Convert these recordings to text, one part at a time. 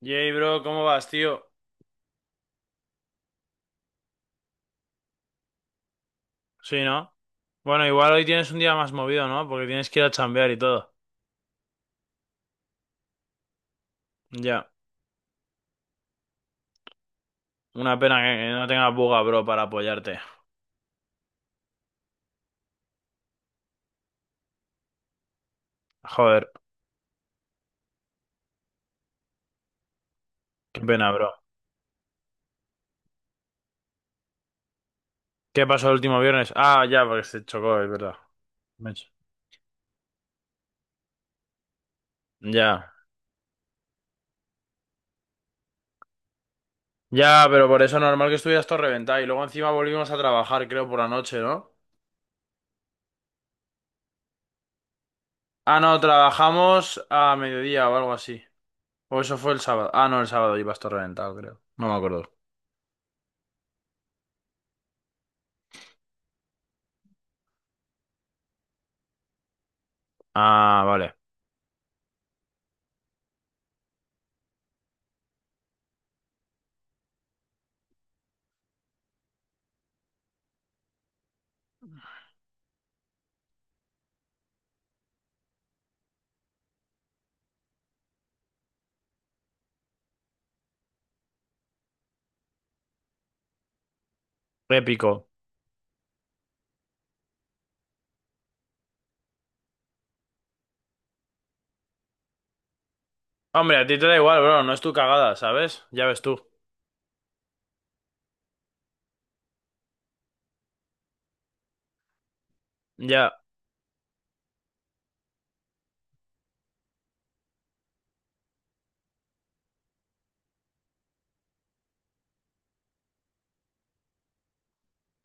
Yay, bro, ¿cómo vas, tío? Sí, ¿no? Bueno, igual hoy tienes un día más movido, ¿no? Porque tienes que ir a chambear y todo. Ya. Una pena que no tengas buga, bro, para apoyarte. Joder, qué pena, bro. ¿Qué pasó el último viernes? Ah, ya, porque se chocó, es verdad. Mech. Ya. Ya, pero por eso normal que estuvieras todo reventado. Y luego encima volvimos a trabajar, creo, por la noche, ¿no? Ah, no, trabajamos a mediodía o algo así. O eso fue el sábado. Ah, no, el sábado ibas todo reventado, creo. No me acuerdo. Ah, vale. Épico. Hombre, a ti te da igual, bro, no es tu cagada, ¿sabes? Ya ves tú. Ya,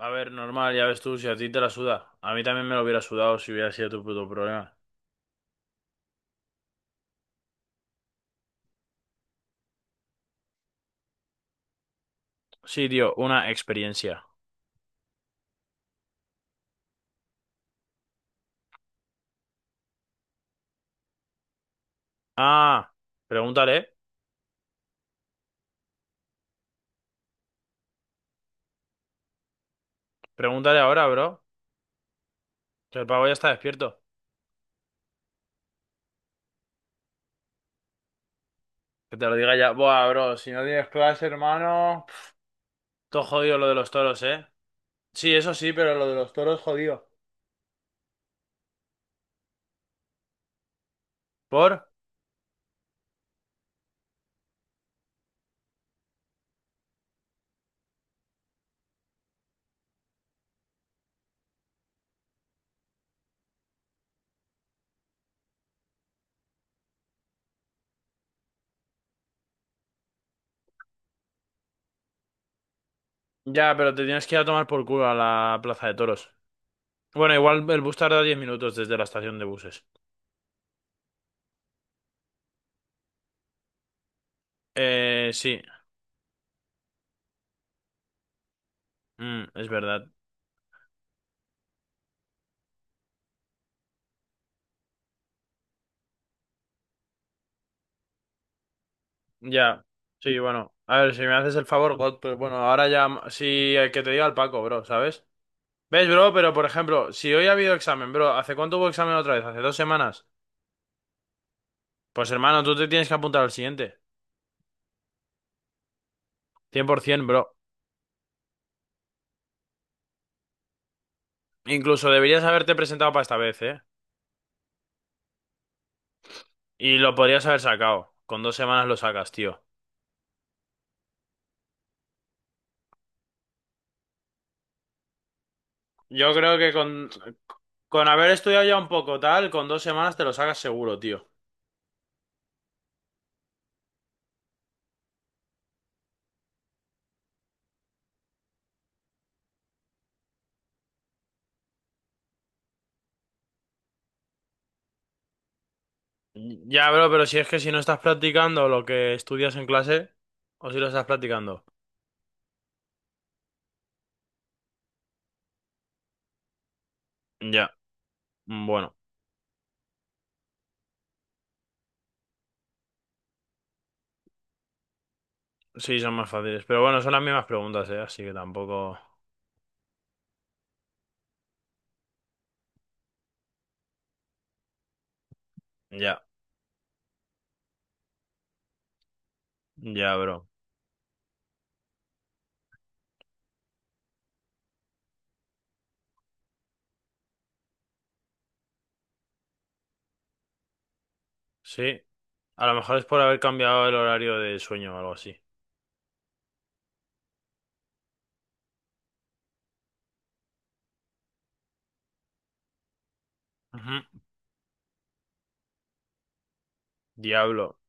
a ver, normal, ya ves tú, si a ti te la suda. A mí también me lo hubiera sudado si hubiera sido tu puto problema. Sí, tío, una experiencia. Ah, pregúntale, pregúntale ahora, bro, que el pavo ya está despierto. Que te lo diga ya. Buah, bro, si no tienes clase, hermano, pf, todo jodido lo de los toros, ¿eh? Sí, eso sí, pero lo de los toros jodido. ¿Por? Ya, pero te tienes que ir a tomar por culo a la plaza de toros. Bueno, igual el bus tarda 10 minutos desde la estación de buses. Sí. Mm, es verdad. Ya. Sí, bueno. A ver, si me haces el favor, God, pero bueno, ahora ya sí que te diga el Paco, bro, ¿sabes? ¿Ves, bro? Pero por ejemplo, si hoy ha habido examen, bro, ¿hace cuánto hubo examen otra vez? ¿Hace 2 semanas? Pues hermano, tú te tienes que apuntar al siguiente. 100%, bro. Incluso deberías haberte presentado para esta vez, ¿eh? Y lo podrías haber sacado. Con 2 semanas lo sacas, tío. Yo creo que con haber estudiado ya un poco tal, con 2 semanas te lo sacas seguro, tío. Ya, bro, pero si es que si no estás practicando lo que estudias en clase, o si lo estás practicando. Ya, bueno, sí, son más fáciles. Pero bueno, son las mismas preguntas, ¿eh? Así que tampoco. Ya, ya, bro. Sí, a lo mejor es por haber cambiado el horario de sueño o algo así. Ujú. Diablo.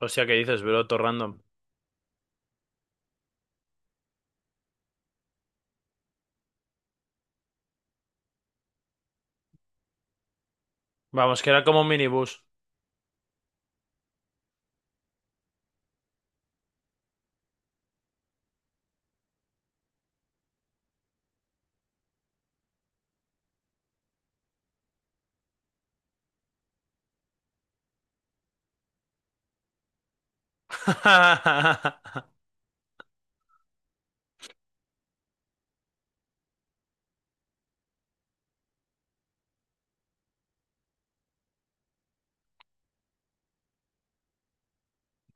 Hostia, ¿qué dices, bro? Todo random. Vamos, que era como un minibús.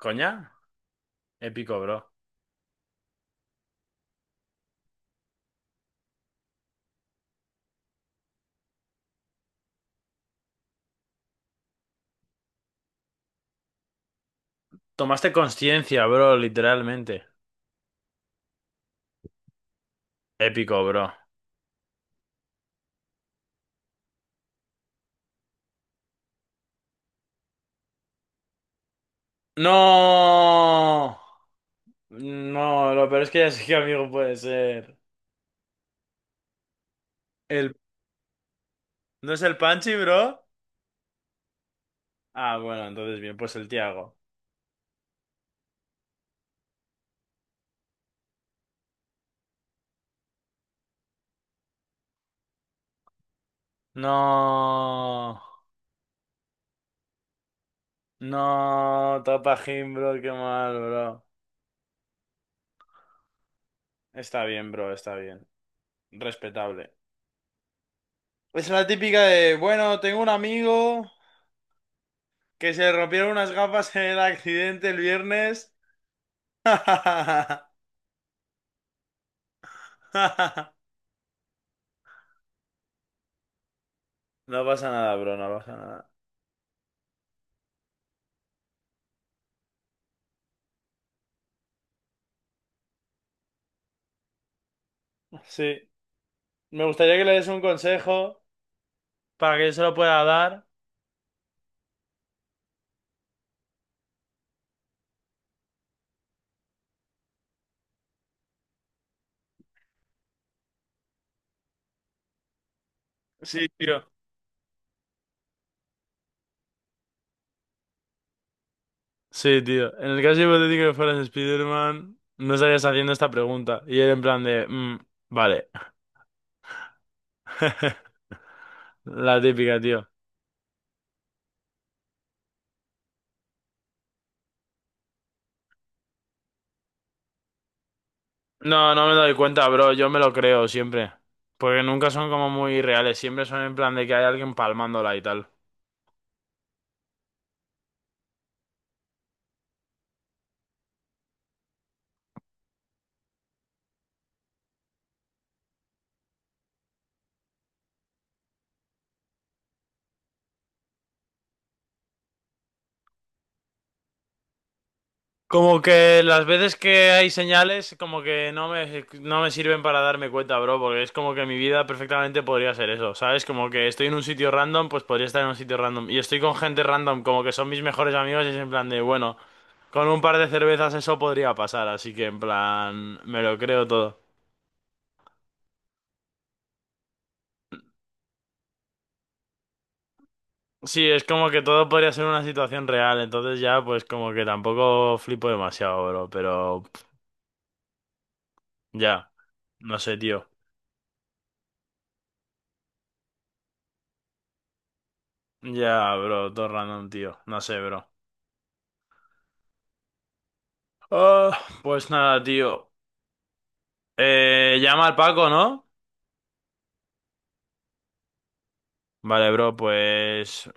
¿Coña? Épico, bro. Tomaste conciencia, bro, literalmente. Épico, bro. ¡No! No, lo peor es que ya sé qué amigo puede ser. El... ¿No es el Panchi, bro? Ah, bueno, entonces bien, pues el Tiago. No, no, Tapajín, bro, qué mal, bro. Está bien, bro, está bien. Respetable. Es la típica de, bueno, tengo un amigo que se le rompieron unas gafas en el accidente el viernes. No pasa nada, bro, no pasa nada. Sí, me gustaría que le des un consejo para que yo se lo pueda dar. Sí, tío. Sí, tío. En el caso hipotético de que fueras Spider-Man, no estarías haciendo esta pregunta. Y era en plan de, "Mm, vale. La típica, tío. No, no me doy cuenta, bro. Yo me lo creo siempre. Porque nunca son como muy reales. Siempre son en plan de que hay alguien palmándola y tal. Como que las veces que hay señales, como que no me sirven para darme cuenta, bro, porque es como que mi vida perfectamente podría ser eso, ¿sabes? Como que estoy en un sitio random, pues podría estar en un sitio random. Y estoy con gente random, como que son mis mejores amigos, y es en plan de, bueno, con un par de cervezas eso podría pasar, así que en plan, me lo creo todo. Sí, es como que todo podría ser una situación real, entonces ya, pues como que tampoco flipo demasiado, bro, pero pff, ya, no sé, tío. Ya, bro, todo random, tío, no sé, bro. Ah, pues nada, tío. Llama al Paco, ¿no? Vale, bro, pues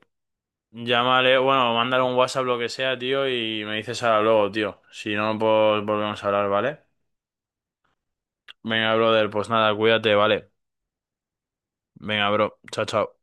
llámale, bueno, mándale un WhatsApp, lo que sea, tío, y me dices ahora luego, tío. Si no, pues volvemos a hablar, ¿vale? Venga, brother, pues nada, cuídate, ¿vale? Venga, bro, chao, chao.